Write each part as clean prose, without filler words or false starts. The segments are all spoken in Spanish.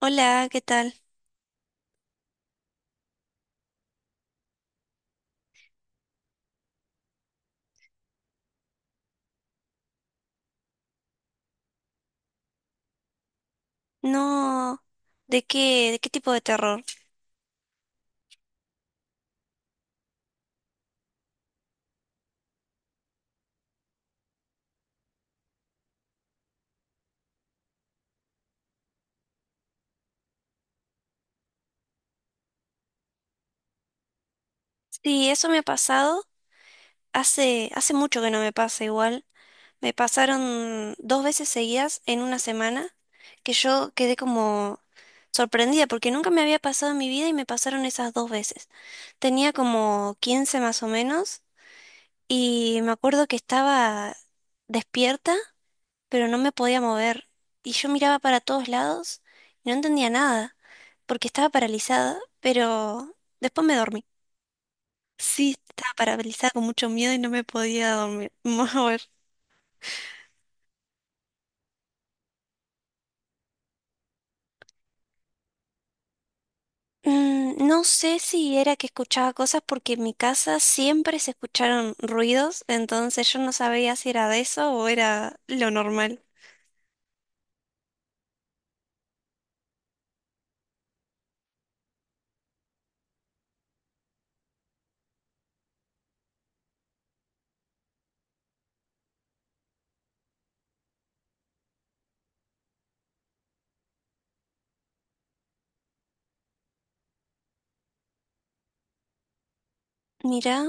Hola, ¿qué tal? No, de qué tipo de terror? Sí, eso me ha pasado. Hace mucho que no me pasa igual. Me pasaron dos veces seguidas en una semana que yo quedé como sorprendida porque nunca me había pasado en mi vida y me pasaron esas dos veces. Tenía como 15 más o menos y me acuerdo que estaba despierta, pero no me podía mover. Y yo miraba para todos lados y no entendía nada, porque estaba paralizada, pero después me dormí. Sí, estaba paralizada con mucho miedo y no me podía dormir, mover. Mm, no sé si era que escuchaba cosas porque en mi casa siempre se escucharon ruidos, entonces yo no sabía si era de eso o era lo normal. Mira,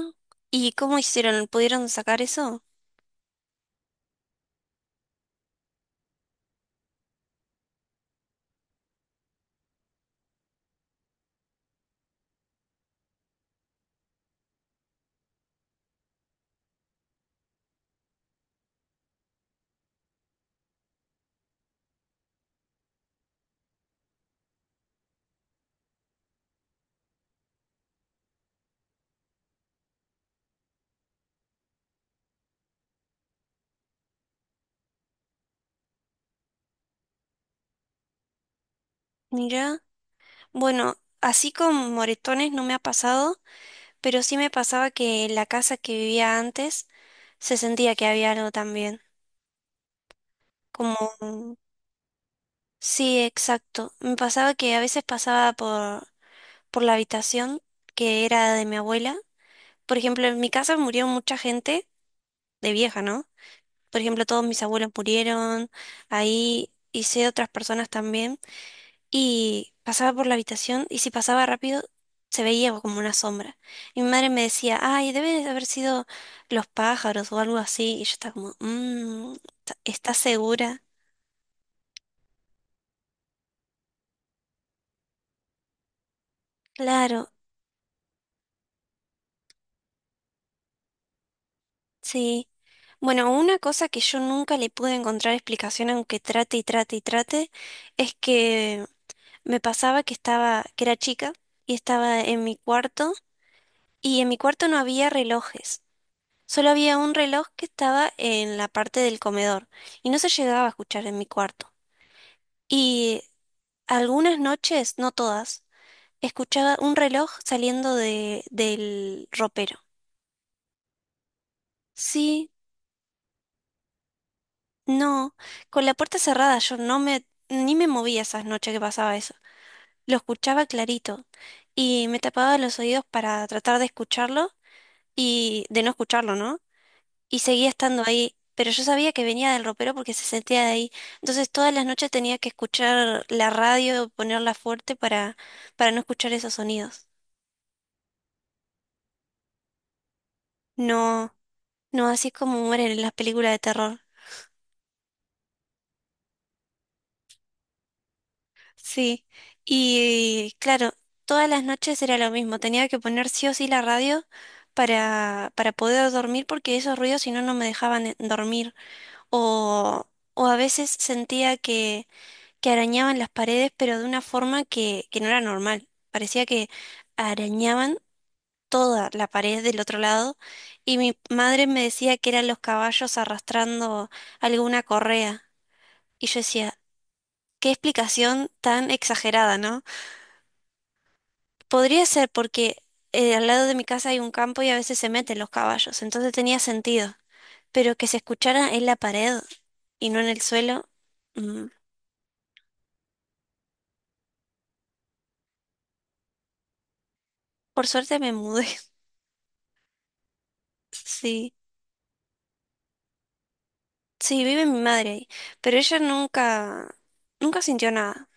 ¿y cómo hicieron? ¿Pudieron sacar eso? Mira, bueno, así con moretones no me ha pasado, pero sí me pasaba que en la casa que vivía antes se sentía que había algo también, como… Sí, exacto. Me pasaba que a veces por la habitación que era de mi abuela. Por ejemplo, en mi casa murió mucha gente de vieja, ¿no? Por ejemplo, todos mis abuelos murieron, ahí hice otras personas también. Y pasaba por la habitación y si pasaba rápido se veía como una sombra. Y mi madre me decía, ay, debe de haber sido los pájaros o algo así. Y yo estaba como, mmm, ¿estás segura? Claro. Sí. Bueno, una cosa que yo nunca le pude encontrar explicación, aunque trate, es que me pasaba que era chica y estaba en mi cuarto y en mi cuarto no había relojes. Solo había un reloj que estaba en la parte del comedor y no se llegaba a escuchar en mi cuarto. Y algunas noches, no todas, escuchaba un reloj saliendo del ropero. Sí. No, con la puerta cerrada yo ni me movía esas noches que pasaba eso. Lo escuchaba clarito y me tapaba los oídos para tratar de escucharlo y de no escucharlo, ¿no? Y seguía estando ahí, pero yo sabía que venía del ropero porque se sentía de ahí. Entonces todas las noches tenía que escuchar la radio, para no escuchar esos sonidos. No, no, así es como mueren en las películas de terror. Sí, y claro, todas las noches era lo mismo, tenía que poner sí o sí para poder dormir porque esos ruidos si no no me dejaban dormir. O, o a veces sentía que arañaban las paredes pero de una forma que no era normal, parecía que arañaban toda la pared del otro lado y mi madre me decía que eran los caballos arrastrando alguna correa y yo decía, qué explicación tan exagerada, ¿no? Podría ser porque al lado de mi casa hay un campo y a veces se meten los caballos, entonces tenía sentido. Pero que se escuchara en la pared y no en el suelo, mm… Por suerte me mudé. Sí, sí, vive mi madre ahí, pero ella nunca sintió nada.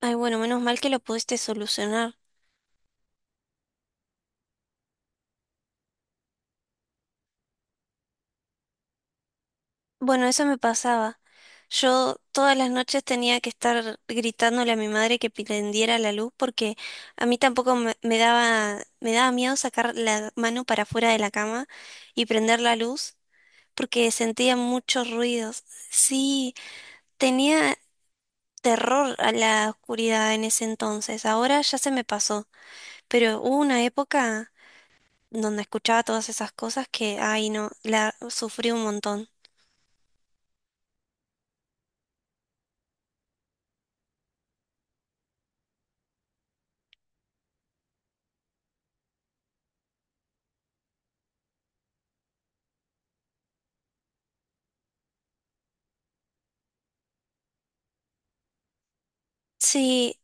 Ay, bueno, menos mal que lo pudiste solucionar. Bueno, eso me pasaba. Yo todas las noches tenía que estar gritándole a mi madre que prendiera la luz porque a mí tampoco me, me daba miedo sacar la mano para afuera de la cama y prender la luz porque sentía muchos ruidos. Sí, tenía terror a la oscuridad en ese entonces. Ahora ya se me pasó, pero hubo una época donde escuchaba todas esas cosas que, ay no, la sufrí un montón. Sí,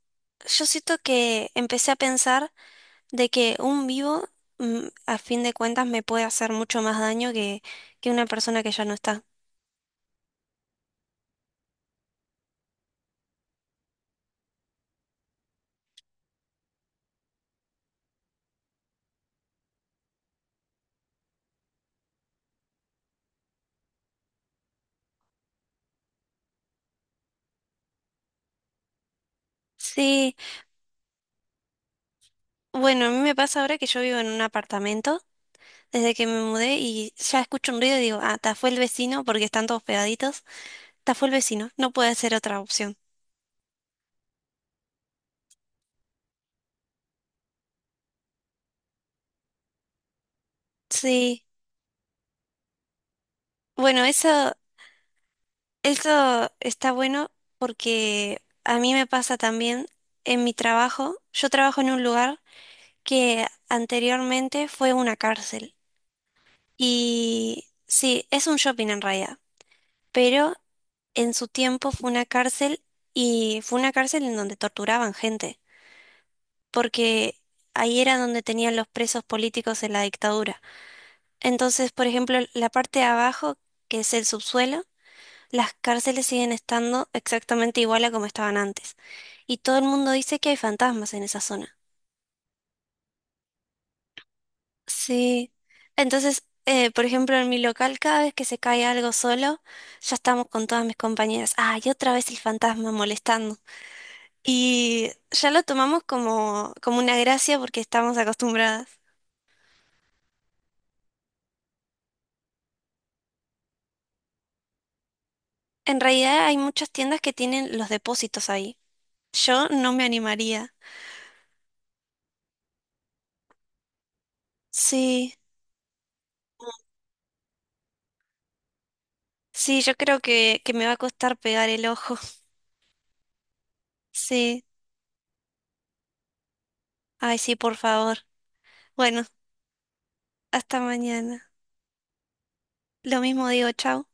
yo siento que empecé a pensar de que un vivo, mm, a fin de cuentas, me puede hacer mucho más daño que una persona que ya no está. Sí, bueno, a mí me pasa ahora que yo vivo en un apartamento desde que me mudé y ya escucho un ruido y digo, ah, ta fue el vecino porque están todos pegaditos, ta fue el vecino, no puede ser otra opción. Sí, bueno, eso está bueno porque a mí me pasa también en mi trabajo, yo trabajo en un lugar que anteriormente fue una cárcel. Y sí, es un shopping en realidad, pero en su tiempo fue una cárcel y fue una cárcel en donde torturaban gente, porque ahí era donde tenían los presos políticos en la dictadura. Entonces, por ejemplo, la parte de abajo, que es el subsuelo, las cárceles siguen estando exactamente igual a como estaban antes. Y todo el mundo dice que hay fantasmas en esa zona. Sí, entonces, por ejemplo, en mi local, cada vez que se cae algo solo, ya estamos con todas mis compañeras. Ah, y otra vez el fantasma molestando. Y ya lo tomamos como, como una gracia porque estamos acostumbradas. En realidad hay muchas tiendas que tienen los depósitos ahí. Yo no me animaría. Sí, sí, yo creo que me va a costar pegar el ojo. Sí, ay, sí, por favor. Bueno, hasta mañana. Lo mismo digo, chao.